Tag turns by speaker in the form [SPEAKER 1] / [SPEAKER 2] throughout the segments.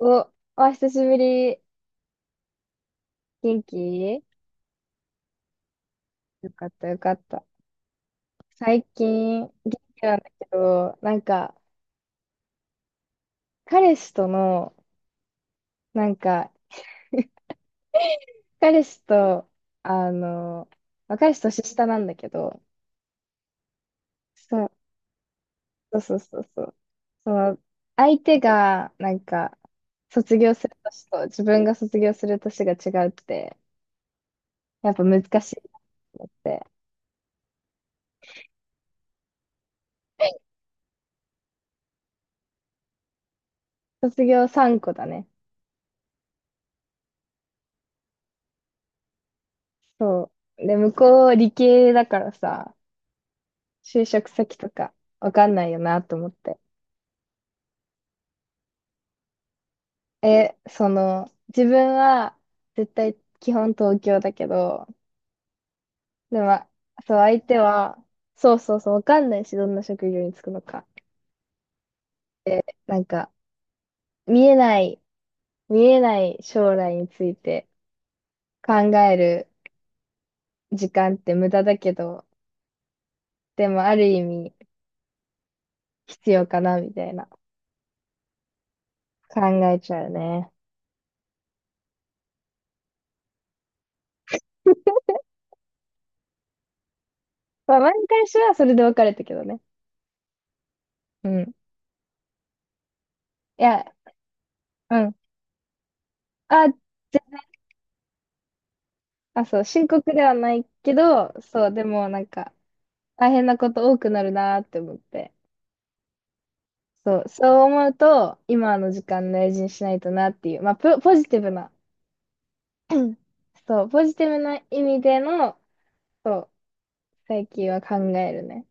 [SPEAKER 1] お、お久しぶり。元気？よかった、よかった。最近、元気なんだけど、なんか、彼氏との、なんか、彼氏と、あの、まあ彼氏年下なんだけど、そう、そうそうそうそう。その、相手が、なんか、卒業する年と、自分が卒業する年が違うって、やっぱ難しいなと思って。卒業3個だね。そう。で、向こう理系だからさ、就職先とかわかんないよなと思って。え、その、自分は絶対基本東京だけど、でも、そう、相手は、そうそうそう、わかんないし、どんな職業に就くのか。で、なんか、見えない、見えない将来について考える時間って無駄だけど、でもある意味必要かな、みたいな考えちゃうね。まあ、前に彼氏はそれで別れたけどね。うん。いや、うん。あ、あ、そう、深刻ではないけど、そう、でもなんか、大変なこと多くなるなーって思って。そう、そう思うと、今の時間大事にしないとなっていう、まあ、ポジティブな、そう、ポジティブな意味での、そう、最近は考えるね。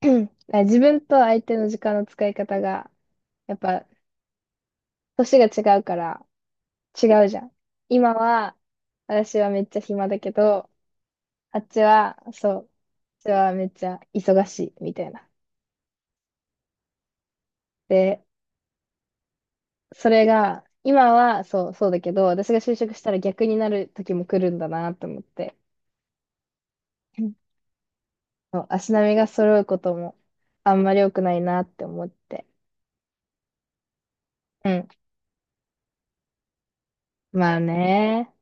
[SPEAKER 1] だから自分と相手の時間の使い方が、やっぱ、年が違うから違うじゃん。今は、私はめっちゃ暇だけど、あっちは、そう、あっちはめっちゃ忙しいみたいな。で、それが、今はそう、そうだけど、私が就職したら逆になる時も来るんだなと思って、うん、そう、足並みが揃うこともあんまり良くないなって思って。うん。まあね。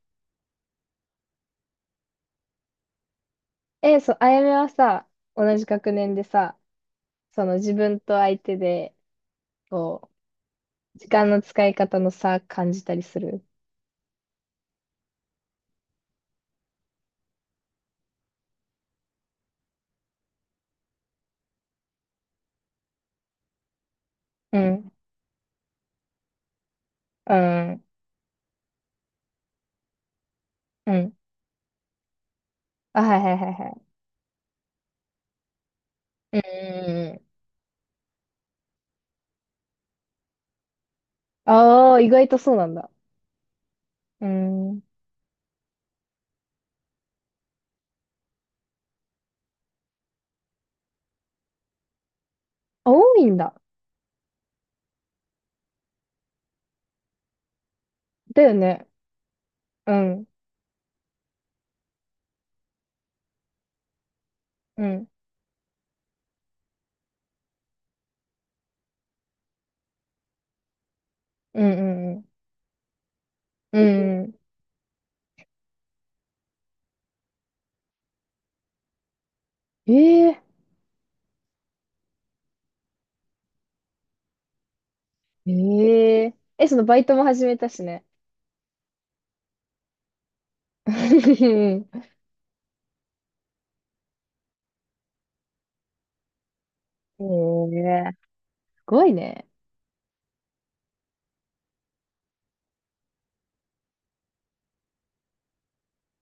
[SPEAKER 1] え、そう、あやめはさ、同じ学年でさ、その自分と相手で、こう、時間の使い方の差感じたりする？うん。うん。うん。あ、はいはいはいはい。うん。ああ、意外とそうなんだ。うん。あ多いんだ。だよね。うん。うん。うん、うん、うん。うん。えええええ、そのバイトも始めたしね。うええすごいね。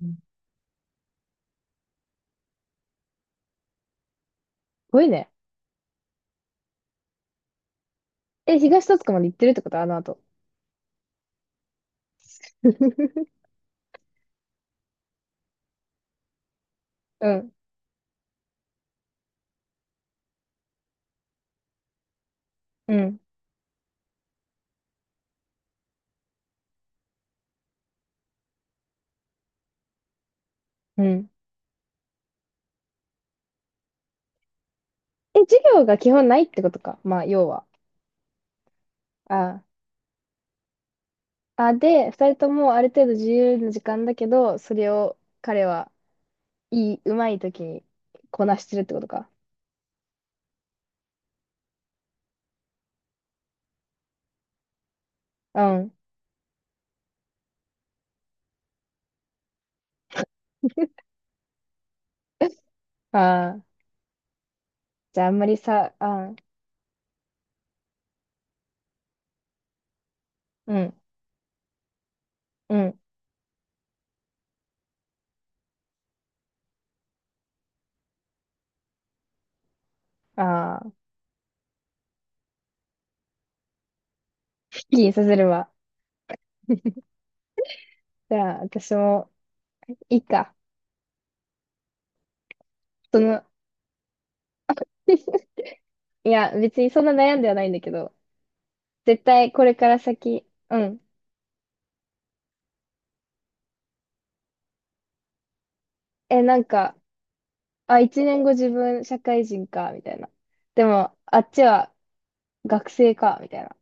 [SPEAKER 1] うんすごいね。え、東戸塚まで行ってるってことあの後？うん、うん、うん。え、授業が基本ないってことか。まあ、要は。ああ。あ、で、二人ともある程度自由な時間だけど、それを彼はうまい時にこなしてるってことか。うん。ああ。じゃあ、あんまりさ、あ、うん、うん。ああ、すっきりさせるわ。じゃあ、私も、いいか。その、いや、別にそんな悩んではないんだけど、絶対これから先、うん。え、なんか、あ、一年後自分社会人か、みたいな。でも、あっちは学生か、みたいな。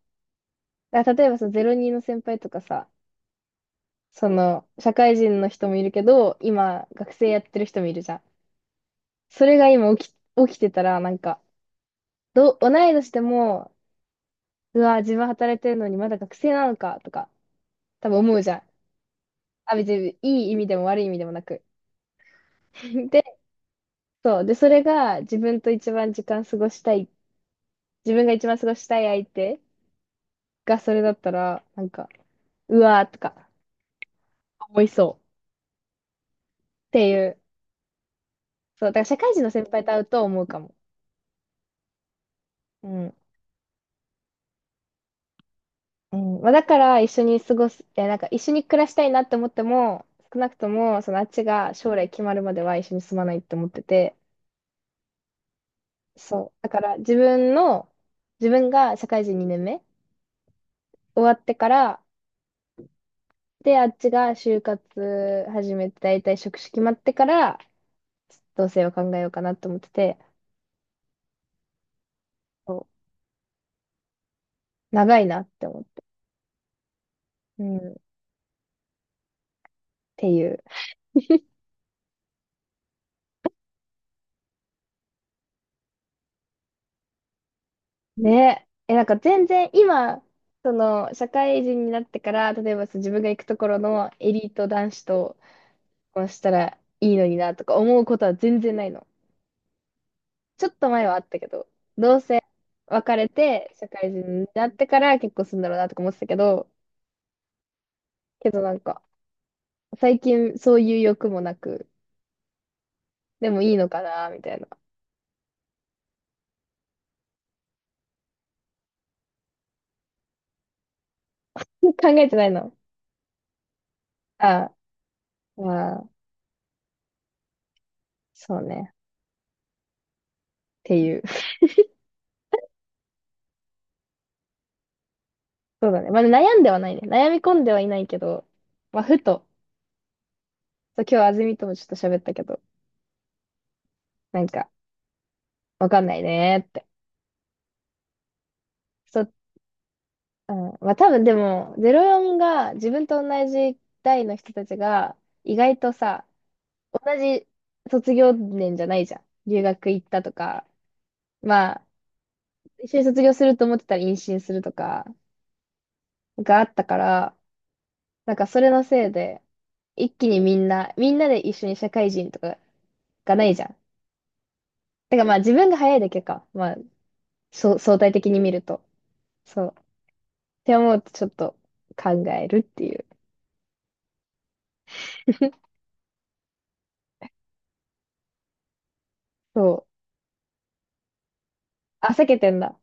[SPEAKER 1] だから例えばさ、02の先輩とかさ、その、社会人の人もいるけど、今、学生やってる人もいるじゃん。それが今起きてたら、なんか、同い年でも、うわ、自分働いてるのにまだ学生なのか、とか、多分思うじゃん。あ、別にいい意味でも悪い意味でもなく。で、そう。で、それが自分と一番時間過ごしたい、自分が一番過ごしたい相手がそれだったら、なんか、うわーとか思いそうっていう。そう。だから社会人の先輩と会うと思うかも。うん。うん。まあ、だから一緒に過ごす、え、なんか一緒に暮らしたいなって思っても、少なくとも、そのあっちが将来決まるまでは一緒に住まないって思ってて、そう。だから自分の、自分が社会人2年目終わってから、で、あっちが就活始めて、だいたい職種決まってから、同棲を考えようかなと思ってて、そう長いなって思って、うん、っていう。ね。え、なんか全然今、その、社会人になってから、例えばそう自分が行くところのエリート男子とこうしたらいいのになとか思うことは全然ないの。ちょっと前はあったけど、同棲別れて、社会人になってから結婚するんだろうなとか思ってたけど、けどなんか、最近そういう欲もなく、でもいいのかなみたいな。考えてないの。ああ、まあ、そうね。っていう。そうだね。まあ、悩んではないね。悩み込んではいないけど、まあ、ふと、そう今日あずみともちょっと喋ったけど、なんか、わかんないねーって。そう、うん。まあ、多分でも、04が自分と同じ代の人たちが、意外とさ、同じ卒業年じゃないじゃん。留学行ったとか、まあ、一緒に卒業すると思ってたら妊娠するとか、があったから、なんかそれのせいで、一気にみんなで一緒に社会人とかがないじゃん。だからまあ自分が早いだけか。まあ、そう相対的に見ると。そう。って思うとちょっと考えるっていう。そう。あ、避けてんだ。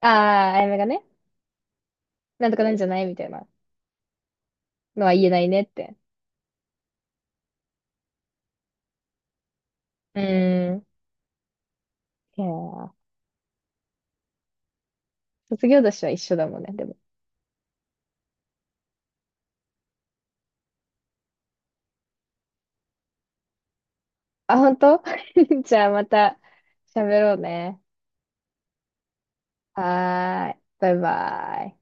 [SPEAKER 1] ああ、あやめがね、なんとかなんじゃないみたいなのは言えないねって。うーん。いやー卒業年は一緒だもんね、でも。あ、本当？ じゃあまた喋ろうね。はーい。バイバイ。